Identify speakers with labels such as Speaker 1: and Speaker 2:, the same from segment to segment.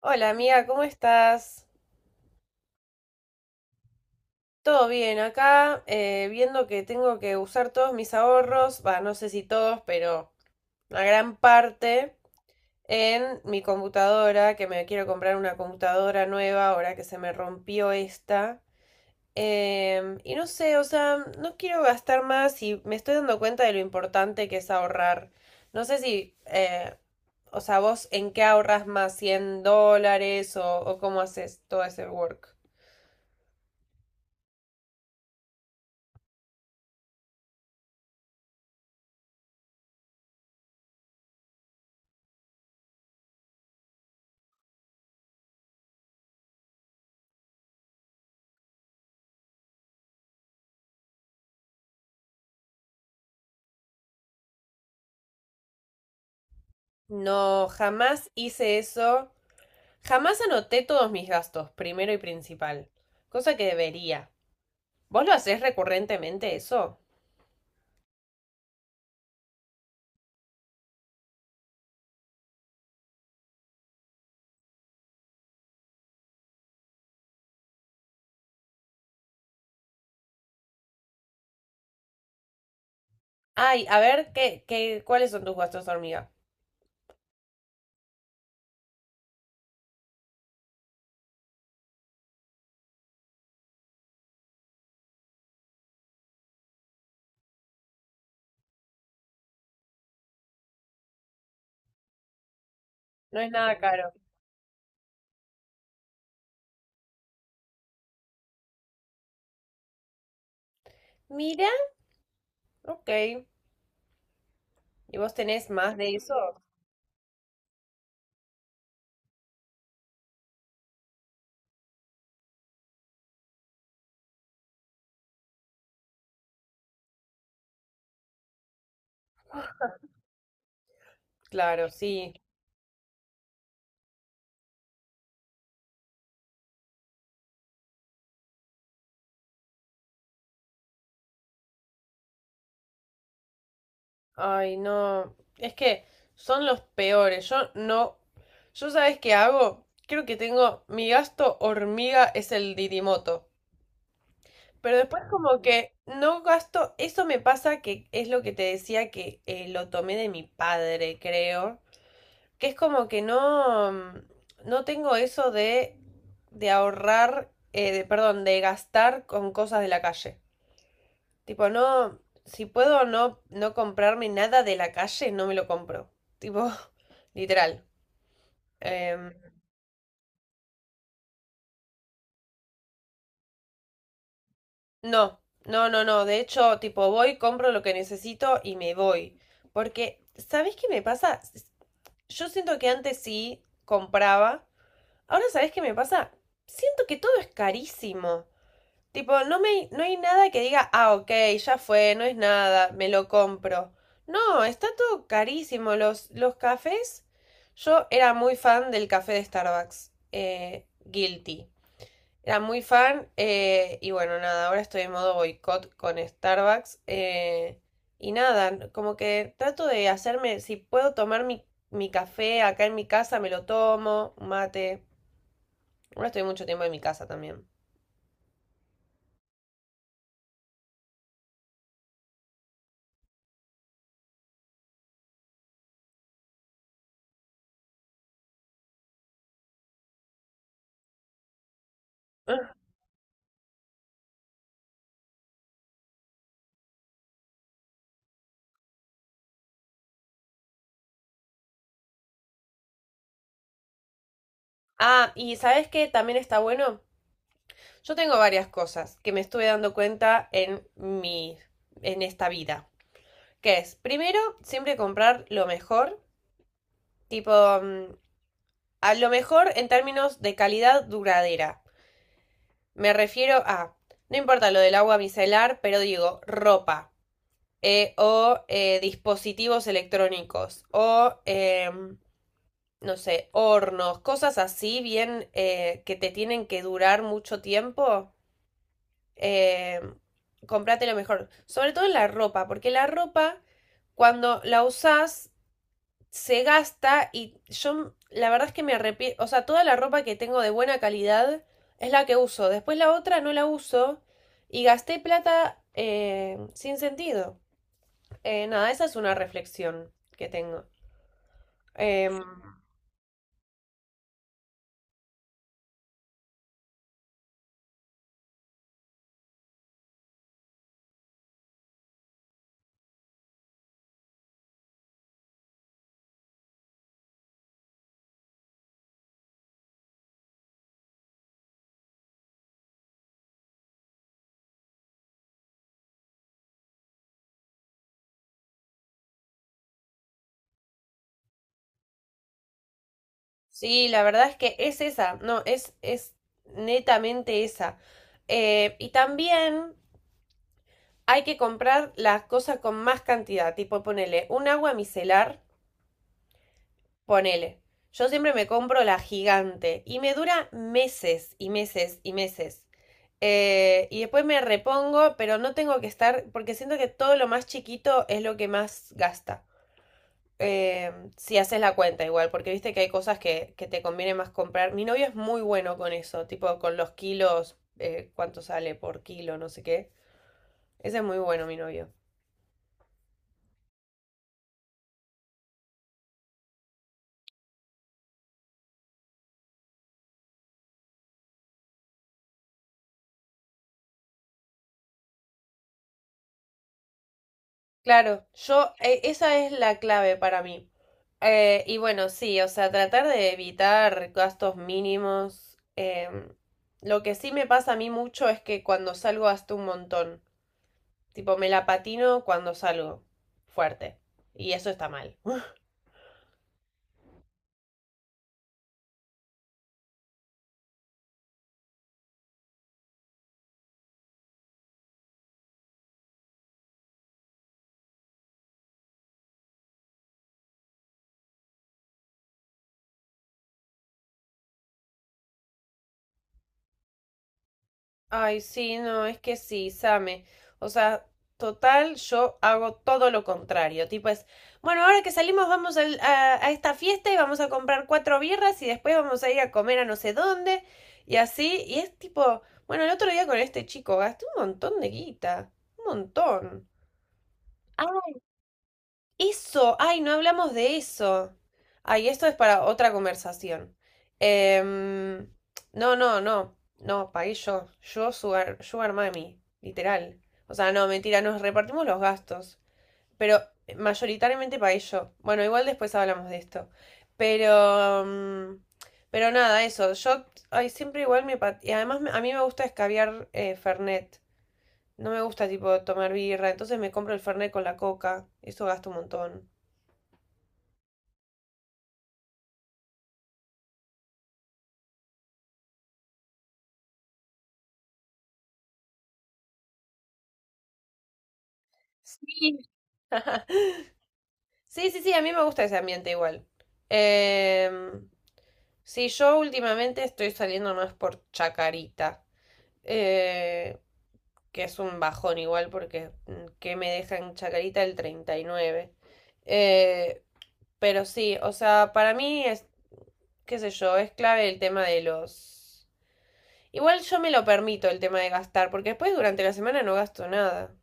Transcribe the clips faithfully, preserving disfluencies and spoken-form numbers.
Speaker 1: Hola amiga, ¿cómo estás? Todo bien acá, eh, viendo que tengo que usar todos mis ahorros, va, no sé si todos, pero una gran parte en mi computadora, que me quiero comprar una computadora nueva ahora que se me rompió esta. Em, y no sé, o sea, no quiero gastar más y me estoy dando cuenta de lo importante que es ahorrar. No sé si, eh, o sea, vos en qué ahorras más, cien dólares o, o cómo haces todo ese work. No, jamás hice eso. Jamás anoté todos mis gastos, primero y principal. Cosa que debería. ¿Vos lo hacés recurrentemente eso? Ay, a ver, ¿qué, qué, cuáles son tus gastos, hormiga? No es nada caro. Mira. Ok. ¿Y vos tenés más de eso? Claro, sí. Ay, no. Es que son los peores. Yo no. ¿Yo sabes qué hago? Creo que tengo. Mi gasto hormiga es el Didimoto. Pero después como que no gasto. Eso me pasa que es lo que te decía que eh, lo tomé de mi padre, creo. Que es como que no. mm, No tengo eso de. De ahorrar. Eh, de, perdón, de gastar con cosas de la calle. Tipo, no, si puedo no, no comprarme nada de la calle, no me lo compro. Tipo, literal. Em, no, no, no, no. De hecho, tipo, voy, compro lo que necesito y me voy. Porque, ¿sabés qué me pasa? S- Yo siento que antes sí compraba. Ahora, ¿sabés qué me pasa? Siento que todo es carísimo. Tipo, no me, no hay nada que diga, ah, ok, ya fue, no es nada, me lo compro. No, está todo carísimo. Los, los cafés, yo era muy fan del café de Starbucks, eh, guilty. Era muy fan eh, y bueno, nada, ahora estoy en modo boicot con Starbucks. Eh, y nada, como que trato de hacerme, si puedo tomar mi, mi café acá en mi casa, me lo tomo, un mate. Ahora estoy mucho tiempo en mi casa también. Ah, ¿y sabes qué también está bueno? Yo tengo varias cosas que me estuve dando cuenta en mi, en esta vida. Que es, primero, siempre comprar lo mejor, tipo, mm, a lo mejor en términos de calidad duradera. Me refiero a, no importa lo del agua micelar, pero digo, ropa, eh, o eh, dispositivos electrónicos, o, em, no sé, hornos, cosas así bien eh, que te tienen que durar mucho tiempo eh, comprate lo mejor. Sobre todo en la ropa, porque la ropa, cuando la usás, se gasta y yo la verdad es que me arrepiento, o sea, toda la ropa que tengo de buena calidad es la que uso, después la otra no la uso y gasté plata eh, sin sentido. Eh, nada, esa es una reflexión que tengo. Em, sí, la verdad es que es esa, no, es, es netamente esa. Eh, y también hay que comprar las cosas con más cantidad. Tipo, ponele un agua micelar, ponele. Yo siempre me compro la gigante y me dura meses y meses y meses. Eh, y después me repongo, pero no tengo que estar, porque siento que todo lo más chiquito es lo que más gasta. Eh, si haces la cuenta igual, porque viste que hay cosas que, que te conviene más comprar. Mi novio es muy bueno con eso, tipo con los kilos, eh, cuánto sale por kilo, no sé qué. Ese es muy bueno, mi novio. Claro, yo, eh, esa es la clave para mí. Eh, y bueno, sí, o sea, tratar de evitar gastos mínimos. Em, lo que sí me pasa a mí mucho es que cuando salgo gasto un montón. Tipo, me la patino cuando salgo fuerte. Y eso está mal. Ay, sí, no, es que sí, Same. O sea, total, yo hago todo lo contrario. Tipo es, bueno, ahora que salimos vamos al- a, a esta fiesta y vamos a comprar cuatro birras y después vamos a ir a comer a no sé dónde y así. Y es tipo, bueno, el otro día con este chico gasté un montón de guita, un montón. Eso, ay, no hablamos de eso. Ay, esto es para otra conversación. Em, no, no, no, no, pagué yo. Yo, Sugar, Sugar Mami, literal. O sea, no, mentira, nos repartimos los gastos. Pero mayoritariamente pagué yo. Bueno, igual después hablamos de esto. Pero, mm, pero nada, eso. Yo, ay, siempre igual me... pat- Y además me- A mí me gusta escabiar eh, Fernet. No me gusta, tipo, tomar birra. Entonces me compro el Fernet con la coca. Eso gasto un montón. Sí. Sí, sí, sí, a mí me gusta ese ambiente igual. Em, sí, yo últimamente estoy saliendo más por Chacarita, eh, que es un bajón igual porque mm, que me dejan Chacarita el treinta y nueve. Eh, pero sí, o sea, para mí es, qué sé yo, es clave el tema de los... Igual yo me lo permito el tema de gastar, porque después durante la semana no gasto nada.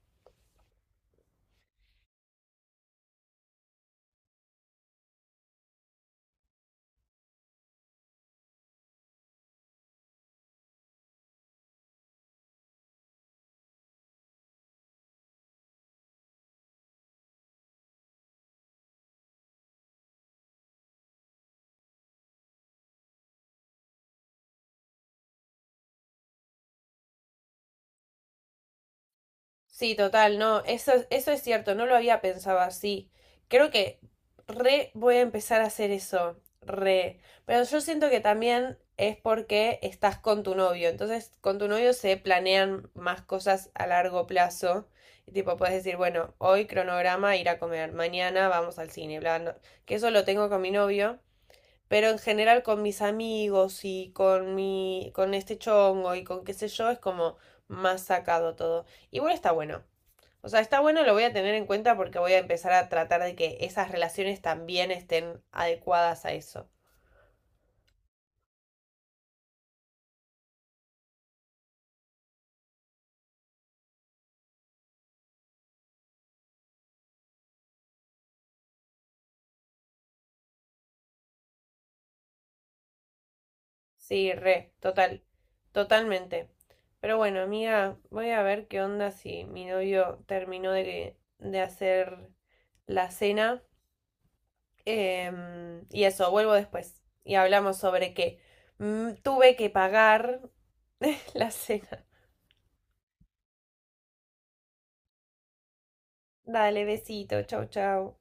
Speaker 1: Sí, total, no, eso, eso es cierto, no lo había pensado así. Creo que re voy a empezar a hacer eso, re. Pero yo siento que también es porque estás con tu novio, entonces con tu novio se planean más cosas a largo plazo. Y tipo, puedes decir, bueno, hoy cronograma, ir a comer, mañana vamos al cine, bla, no- que eso lo tengo con mi novio, pero en general con mis amigos y con mi, con este chongo y con qué sé yo, es como más sacado todo. Igual está bueno. O sea, está bueno, lo voy a tener en cuenta porque voy a empezar a tratar de que esas relaciones también estén adecuadas a eso. Sí, re, total, totalmente. Pero bueno, amiga, voy a ver qué onda si mi novio terminó de, de hacer la cena. Em, y eso, vuelvo después. Y hablamos sobre que mm, tuve que pagar la cena. Dale, besito, chau, chau.